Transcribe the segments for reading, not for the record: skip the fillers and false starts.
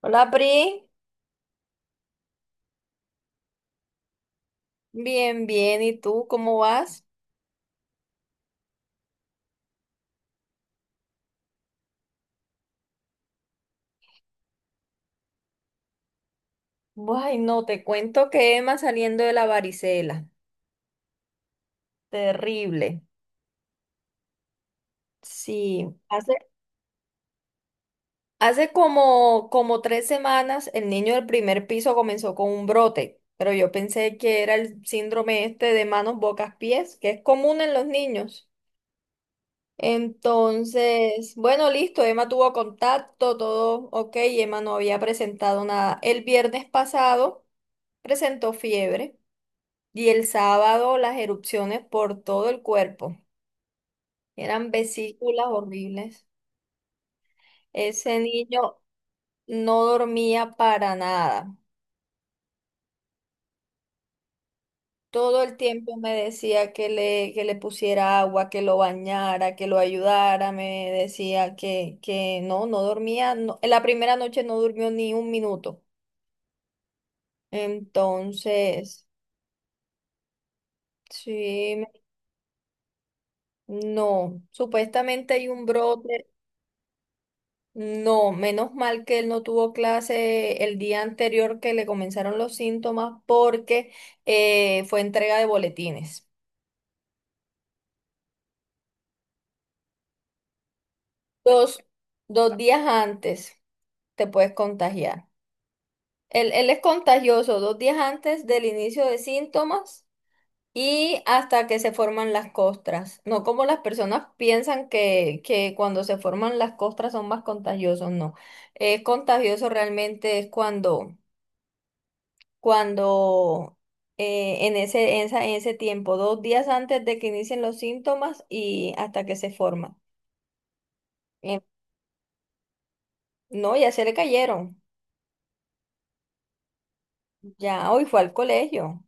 Hola, Pri. Bien, bien. ¿Y tú cómo vas? Ay, no, te cuento que Emma saliendo de la varicela. Terrible. Sí. Hace como 3 semanas el niño del primer piso comenzó con un brote, pero yo pensé que era el síndrome este de manos, bocas, pies, que es común en los niños. Entonces, bueno, listo, Emma tuvo contacto, todo ok, Emma no había presentado nada. El viernes pasado presentó fiebre. Y el sábado las erupciones por todo el cuerpo. Eran vesículas horribles. Ese niño no dormía para nada. Todo el tiempo me decía que le pusiera agua, que lo bañara, que lo ayudara. Me decía que no dormía. En la primera noche no durmió ni un minuto. Entonces, sí, no. Supuestamente hay un brote. No, menos mal que él no tuvo clase el día anterior que le comenzaron los síntomas porque fue entrega de boletines. Dos, 2 días antes te puedes contagiar. Él es contagioso 2 días antes del inicio de síntomas y hasta que se forman las costras. No como las personas piensan que cuando se forman las costras son más contagiosos, no. Es contagioso realmente es cuando en ese tiempo, dos días antes de que inicien los síntomas y hasta que se forma. Em, no, ya se le cayeron, ya hoy fue al colegio.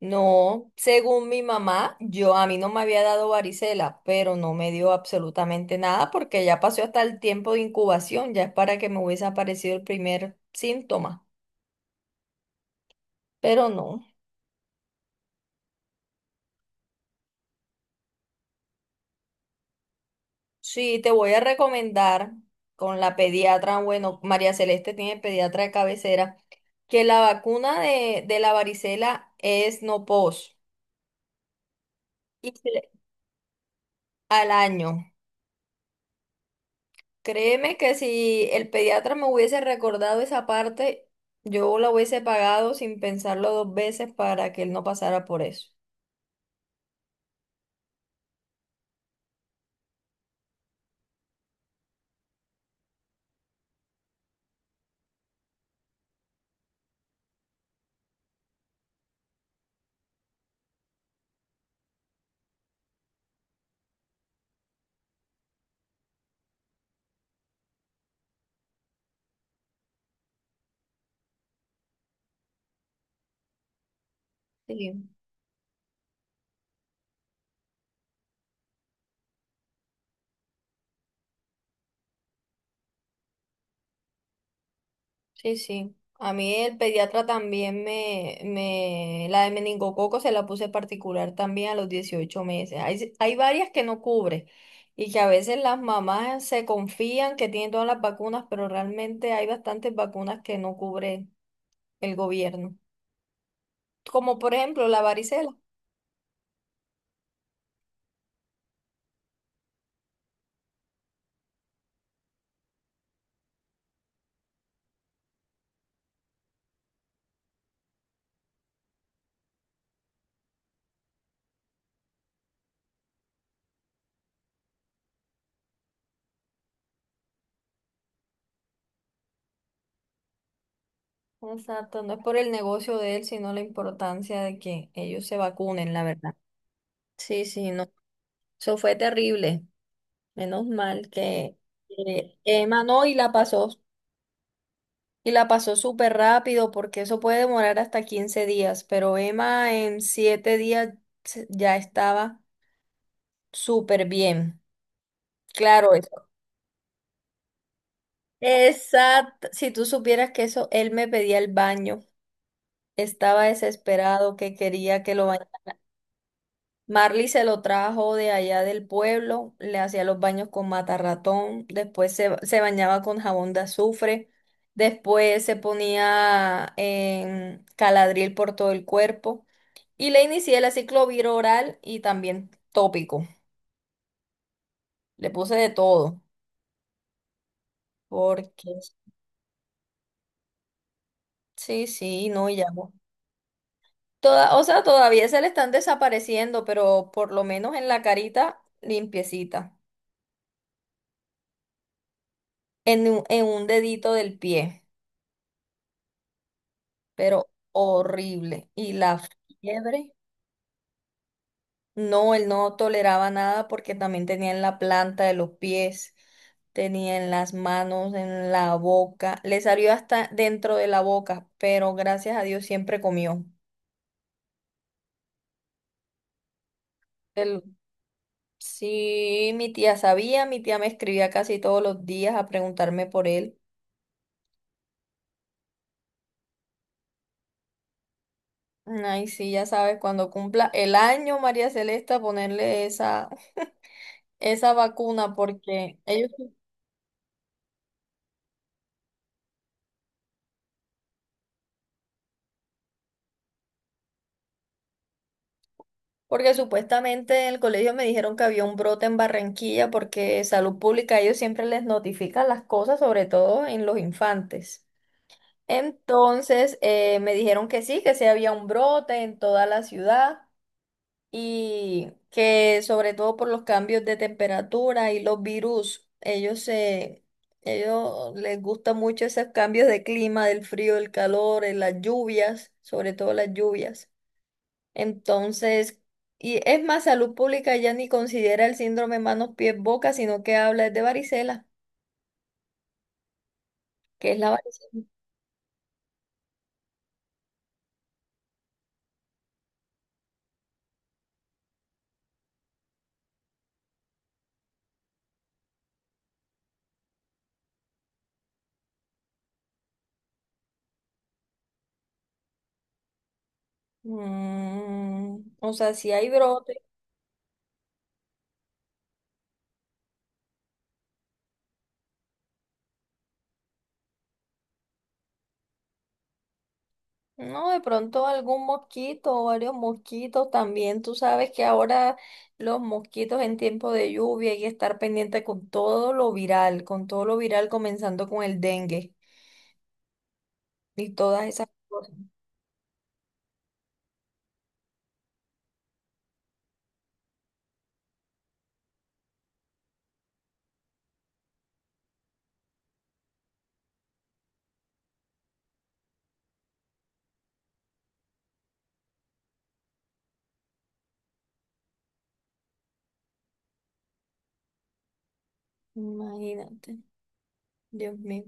No, según mi mamá, yo a mí no me había dado varicela, pero no me dio absolutamente nada porque ya pasó hasta el tiempo de incubación, ya es para que me hubiese aparecido el primer síntoma, pero no. Sí, te voy a recomendar con la pediatra, bueno, María Celeste tiene pediatra de cabecera, que la vacuna de la varicela es no pos y se le- al año. Créeme que si el pediatra me hubiese recordado esa parte, yo la hubiese pagado sin pensarlo dos veces para que él no pasara por eso. Sí. Sí, sí. A mí el pediatra también la de meningococo se la puse particular también a los 18 meses. Hay varias que no cubre y que a veces las mamás se confían que tienen todas las vacunas, pero realmente hay bastantes vacunas que no cubre el gobierno. Como por ejemplo la varicela. Exacto, no es por el negocio de él, sino la importancia de que ellos se vacunen, la verdad. Sí, sí, no. Eso fue terrible. Menos mal que Emma no, la pasó súper rápido porque eso puede demorar hasta 15 días, pero Emma en 7 días ya estaba súper bien. Claro, eso. Exacto. Si tú supieras que eso, él me pedía el baño. Estaba desesperado que quería que lo bañara. Marley se lo trajo de allá del pueblo, le hacía los baños con matarratón, después se bañaba con jabón de azufre, después se ponía en caladril por todo el cuerpo. Y le inicié el ciclo viroral y también tópico. Le puse de todo. Porque sí, sí, no, y ya. No. Toda, o sea, todavía se le están desapareciendo, pero por lo menos en la carita limpiecita. En un dedito del pie. Pero horrible. Y la fiebre. No, él no toleraba nada porque también tenía en la planta de los pies, tenía en las manos, en la boca, le salió hasta dentro de la boca, pero gracias a Dios siempre comió. El sí, mi tía sabía, mi tía me escribía casi todos los días a preguntarme por él. Ay, sí, ya sabes, cuando cumpla el año, María Celeste, a ponerle esa vacuna porque ellos. Porque supuestamente en el colegio me dijeron que había un brote en Barranquilla porque Salud Pública a ellos siempre les notifican las cosas, sobre todo en los infantes. Entonces me dijeron que sí había un brote en toda la ciudad y que sobre todo por los cambios de temperatura y los virus, ellos les gusta mucho esos cambios de clima, del frío, del calor, las lluvias, sobre todo las lluvias. Entonces, y es más, salud pública ya ni considera el síndrome manos, pies, boca, sino que habla es de varicela, que es la varicela. Mm, o sea, si hay brote. No, de pronto algún mosquito o varios mosquitos también. Tú sabes que ahora los mosquitos en tiempo de lluvia hay que estar pendiente con todo lo viral, con todo lo viral comenzando con el dengue y todas esas cosas. Imagínate, Dios mío.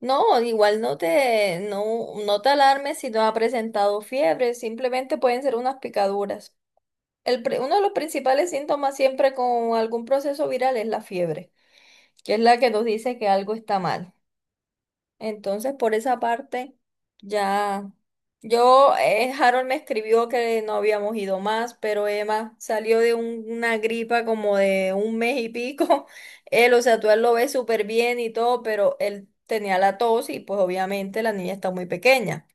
No, igual no te alarmes si no ha presentado fiebre, simplemente pueden ser unas picaduras. Uno de los principales síntomas siempre con algún proceso viral es la fiebre, que es la que nos dice que algo está mal. Entonces, por esa parte, ya. Yo, Harold me escribió que no habíamos ido más, pero Emma salió de una gripa como de 1 mes y pico. Él, o sea, tú a él lo ves súper bien y todo, pero él tenía la tos y pues obviamente la niña está muy pequeña.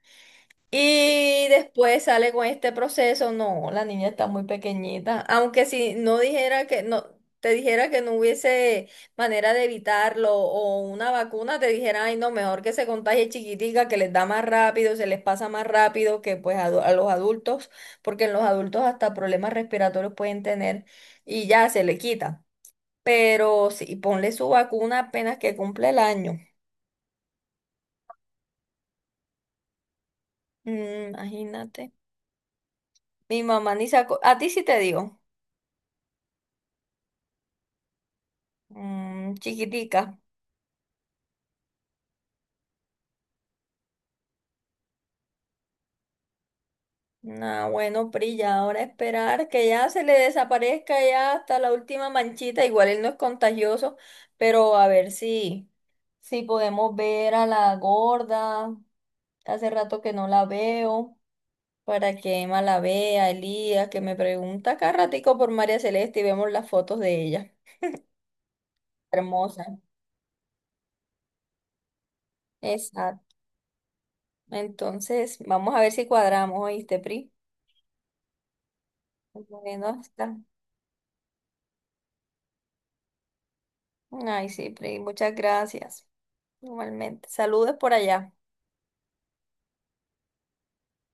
Y después sale con este proceso, no, la niña está muy pequeñita, aunque si no dijera que no, te dijera que no hubiese manera de evitarlo o una vacuna, te dijera, ay, no, mejor que se contagie chiquitica, que les da más rápido, se les pasa más rápido que pues a los adultos, porque en los adultos hasta problemas respiratorios pueden tener y ya se le quita. Pero sí, ponle su vacuna apenas que cumple el año. Mm, imagínate. Mi mamá ni sacó, a ti sí te digo. Mm, chiquitica. Nah, bueno, Pri, ya ahora esperar que ya se le desaparezca ya hasta la última manchita. Igual él no es contagioso, pero a ver si podemos ver a la gorda. Hace rato que no la veo. Para que Emma la vea, Elías, que me pregunta cada ratico por María Celeste y vemos las fotos de ella. Hermosa. Exacto. Entonces, vamos a ver si cuadramos, ¿oíste, Pri? Bueno, hasta. Ay, sí, Pri, muchas gracias. Igualmente. Saludos por allá.